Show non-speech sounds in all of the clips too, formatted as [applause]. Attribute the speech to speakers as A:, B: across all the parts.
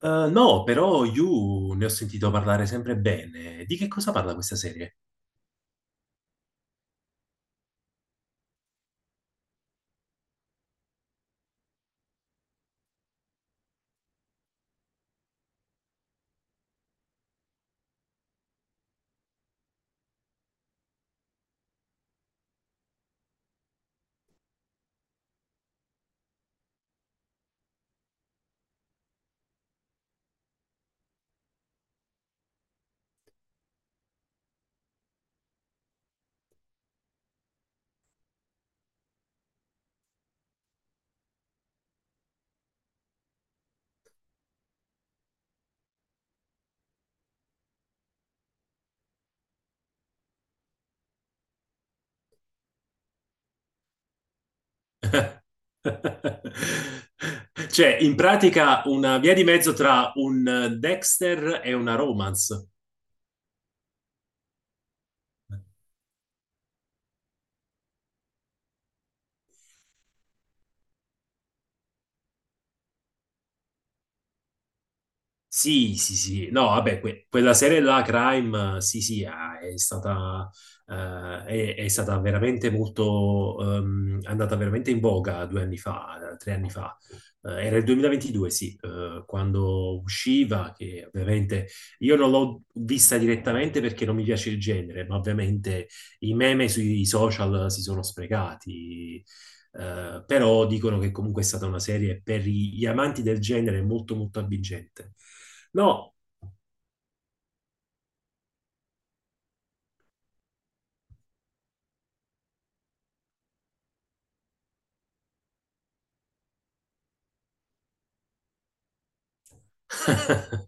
A: No, però You ne ho sentito parlare sempre bene. Di che cosa parla questa serie? [laughs] Cioè, in pratica una via di mezzo tra un Dexter e una romance. Sì, sì, sì, no, vabbè, quella serie là, Crime, sì, sì, ah, è stata veramente molto, è andata veramente in voga 2 anni fa, 3 anni fa. Era il 2022, sì, quando usciva, che ovviamente io non l'ho vista direttamente perché non mi piace il genere, ma ovviamente i meme sui social si sono sprecati, però dicono che comunque è stata una serie per gli amanti del genere molto molto avvincente. No, [laughs]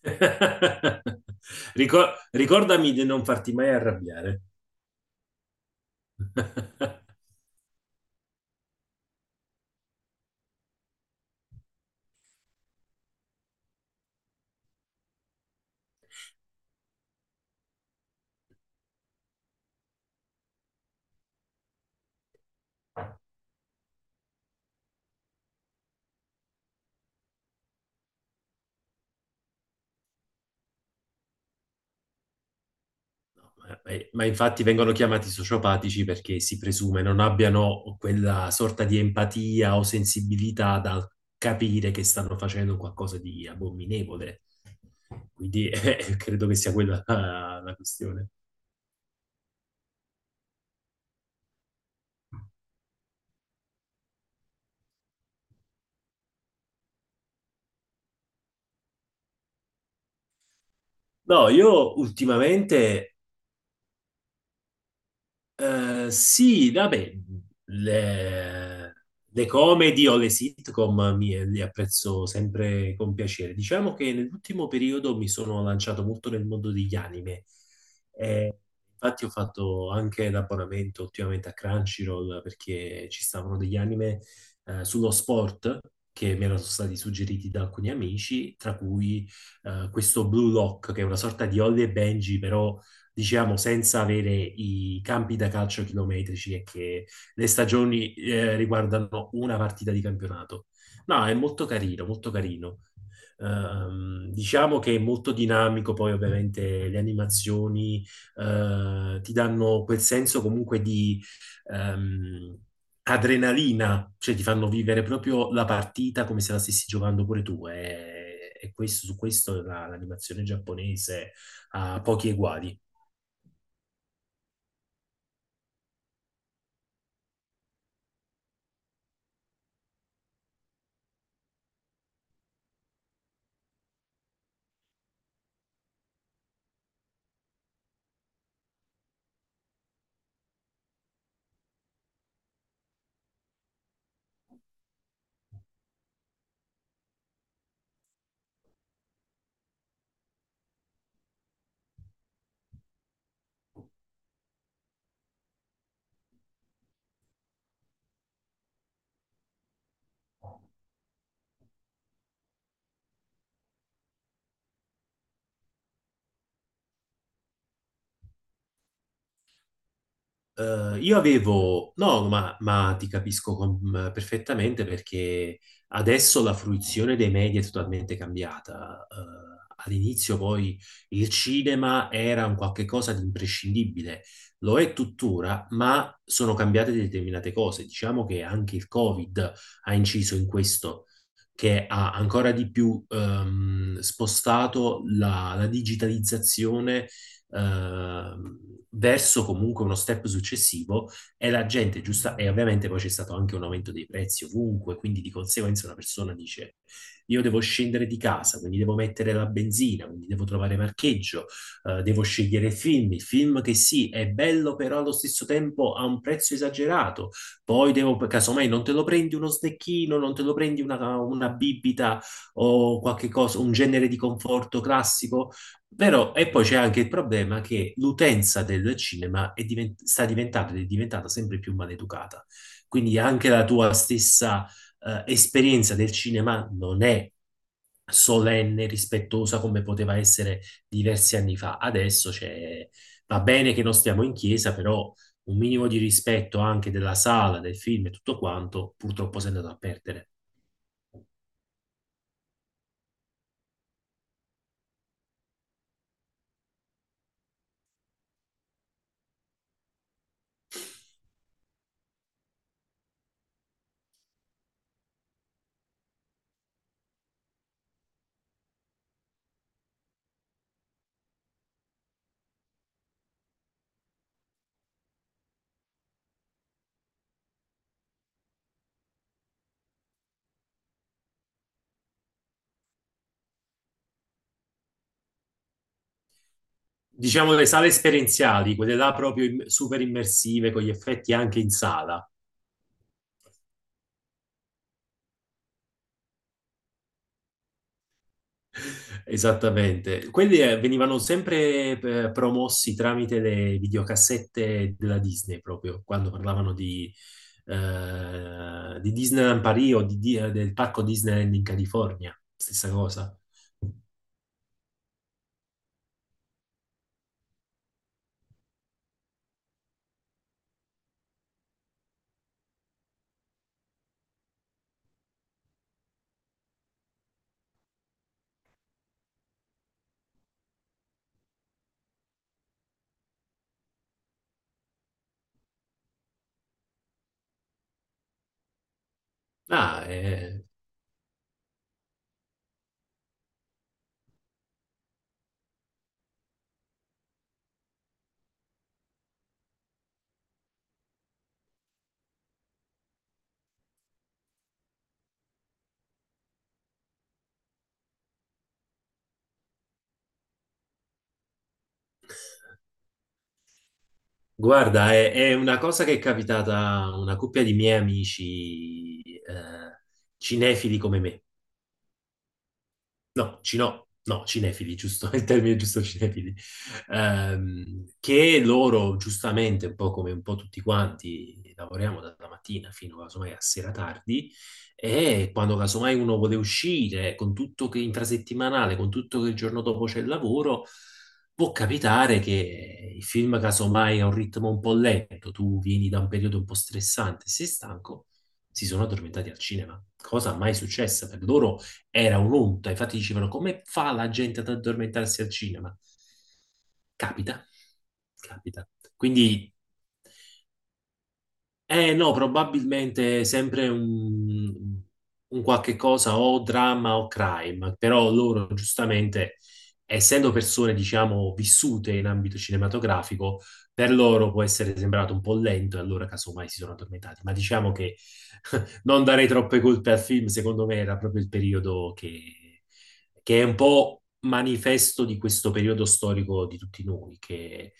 A: [laughs] Ricordami di non farti mai arrabbiare. [laughs] Ma infatti vengono chiamati sociopatici perché si presume non abbiano quella sorta di empatia o sensibilità da capire che stanno facendo qualcosa di abominevole. Quindi [laughs] credo che sia quella la questione. No, io ultimamente sì, vabbè, le, le comedy o le sitcom li apprezzo sempre con piacere. Diciamo che nell'ultimo periodo mi sono lanciato molto nel mondo degli anime. Eh, infatti ho fatto anche l'abbonamento ultimamente a Crunchyroll perché ci stavano degli anime sullo sport che mi erano stati suggeriti da alcuni amici, tra cui questo Blue Lock, che è una sorta di Holly e Benji, però diciamo, senza avere i campi da calcio chilometrici e che le stagioni riguardano una partita di campionato. No, è molto carino, molto carino. Diciamo che è molto dinamico, poi ovviamente le animazioni ti danno quel senso comunque di ehm, adrenalina, cioè ti fanno vivere proprio la partita come se la stessi giocando pure tu. E questo, su questo l'animazione giapponese ha pochi eguali. No, ma ti capisco perfettamente perché adesso la fruizione dei media è totalmente cambiata. All'inizio poi il cinema era un qualche cosa di imprescindibile, lo è tuttora, ma sono cambiate determinate cose. Diciamo che anche il Covid ha inciso in questo, che ha ancora di più spostato la digitalizzazione ehm, verso comunque uno step successivo e la gente giusta, e ovviamente poi c'è stato anche un aumento dei prezzi ovunque, quindi di conseguenza una persona dice io devo scendere di casa, quindi devo mettere la benzina, quindi devo trovare parcheggio, devo scegliere film, il film che sì, è bello però allo stesso tempo ha un prezzo esagerato, poi devo, casomai non te lo prendi uno snecchino, non te lo prendi una bibita o qualche cosa, un genere di conforto classico. Vero, e poi c'è anche il problema che l'utenza del cinema è sta diventando ed è diventata sempre più maleducata. Quindi anche la tua stessa esperienza del cinema non è solenne, rispettosa come poteva essere diversi anni fa. Adesso va bene che non stiamo in chiesa, però un minimo di rispetto anche della sala, del film e tutto quanto, purtroppo si è andato a perdere. Diciamo le sale esperienziali, quelle là proprio super immersive, con gli effetti anche in sala. [laughs] Esattamente. Quelli venivano sempre promossi tramite le videocassette della Disney, proprio quando parlavano di Disneyland Paris o del parco Disneyland in California. Stessa cosa. Ah, eh, guarda, è una cosa che è capitata a una coppia di miei amici cinefili come me. No, no, cinefili, giusto, [laughs] il termine giusto, cinefili. Che loro giustamente, un po' come un po' tutti quanti, lavoriamo dalla mattina fino casomai a sera tardi e quando casomai uno vuole uscire con tutto che intrasettimanale, con tutto che il giorno dopo c'è il lavoro, può capitare che il film casomai ha un ritmo un po' lento, tu vieni da un periodo un po' stressante, sei stanco, si sono addormentati al cinema, cosa mai successa per loro era un'onta, infatti dicevano come fa la gente ad addormentarsi al cinema? Capita, capita. Quindi eh no, probabilmente sempre un qualche cosa o dramma o crime, però loro giustamente, essendo persone, diciamo, vissute in ambito cinematografico, per loro può essere sembrato un po' lento e allora casomai si sono addormentati. Ma diciamo che [laughs] non darei troppe colpe al film, secondo me era proprio il periodo che è un po' manifesto di questo periodo storico di tutti noi, che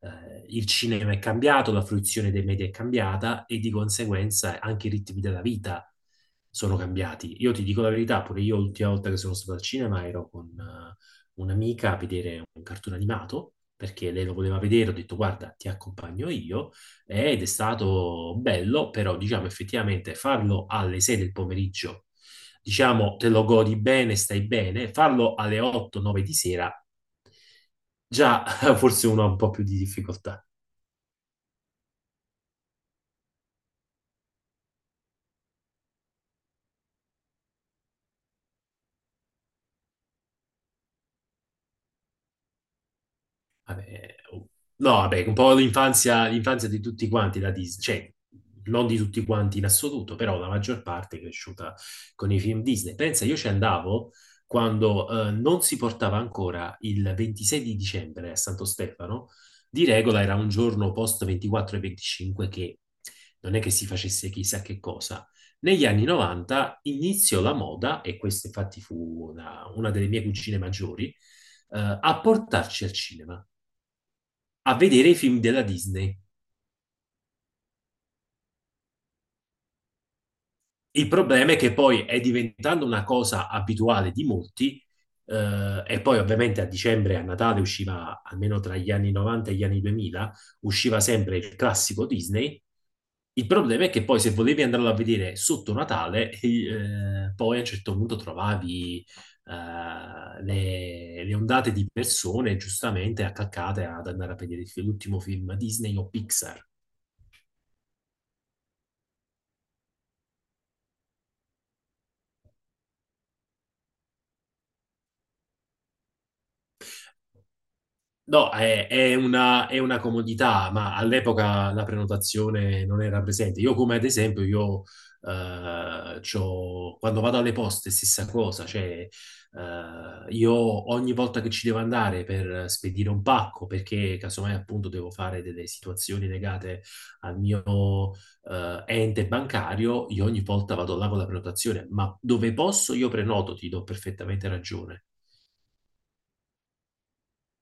A: il cinema è cambiato, la fruizione dei media è cambiata e di conseguenza anche i ritmi della vita sono cambiati. Io ti dico la verità, pure io l'ultima volta che sono stato al cinema ero con un'amica a vedere un cartone animato, perché lei lo voleva vedere, ho detto guarda, ti accompagno io, ed è stato bello, però diciamo effettivamente farlo alle 6 del pomeriggio, diciamo te lo godi bene, stai bene, farlo alle 8-9 di sera. Già, [laughs] forse uno ha un po' più di difficoltà. Vabbè, oh, no, vabbè, un po' l'infanzia, l'infanzia di tutti quanti la Disney, cioè non di tutti quanti in assoluto, però la maggior parte è cresciuta con i film Disney. Pensa, io ci andavo quando non si portava ancora il 26 di dicembre a Santo Stefano, di regola era un giorno post 24 e 25 che non è che si facesse chissà che cosa. Negli anni 90 iniziò la moda, e questa infatti fu una delle mie cugine maggiori, a portarci al cinema a vedere i film della Disney. Il problema è che poi è diventando una cosa abituale di molti, e poi ovviamente a dicembre e a Natale usciva, almeno tra gli anni 90 e gli anni 2000, usciva sempre il classico Disney. Il problema è che poi se volevi andarlo a vedere sotto Natale, poi a un certo punto trovavi le ondate di persone giustamente attaccate ad andare a vedere il l'ultimo film Disney o Pixar. No, è una comodità, ma all'epoca la prenotazione non era presente. Io, come ad esempio, io quando vado alle poste, stessa cosa, cioè io ogni volta che ci devo andare per spedire un pacco, perché casomai appunto devo fare delle situazioni legate al mio ente bancario, io ogni volta vado là con la prenotazione, ma dove posso io prenoto, ti do perfettamente ragione.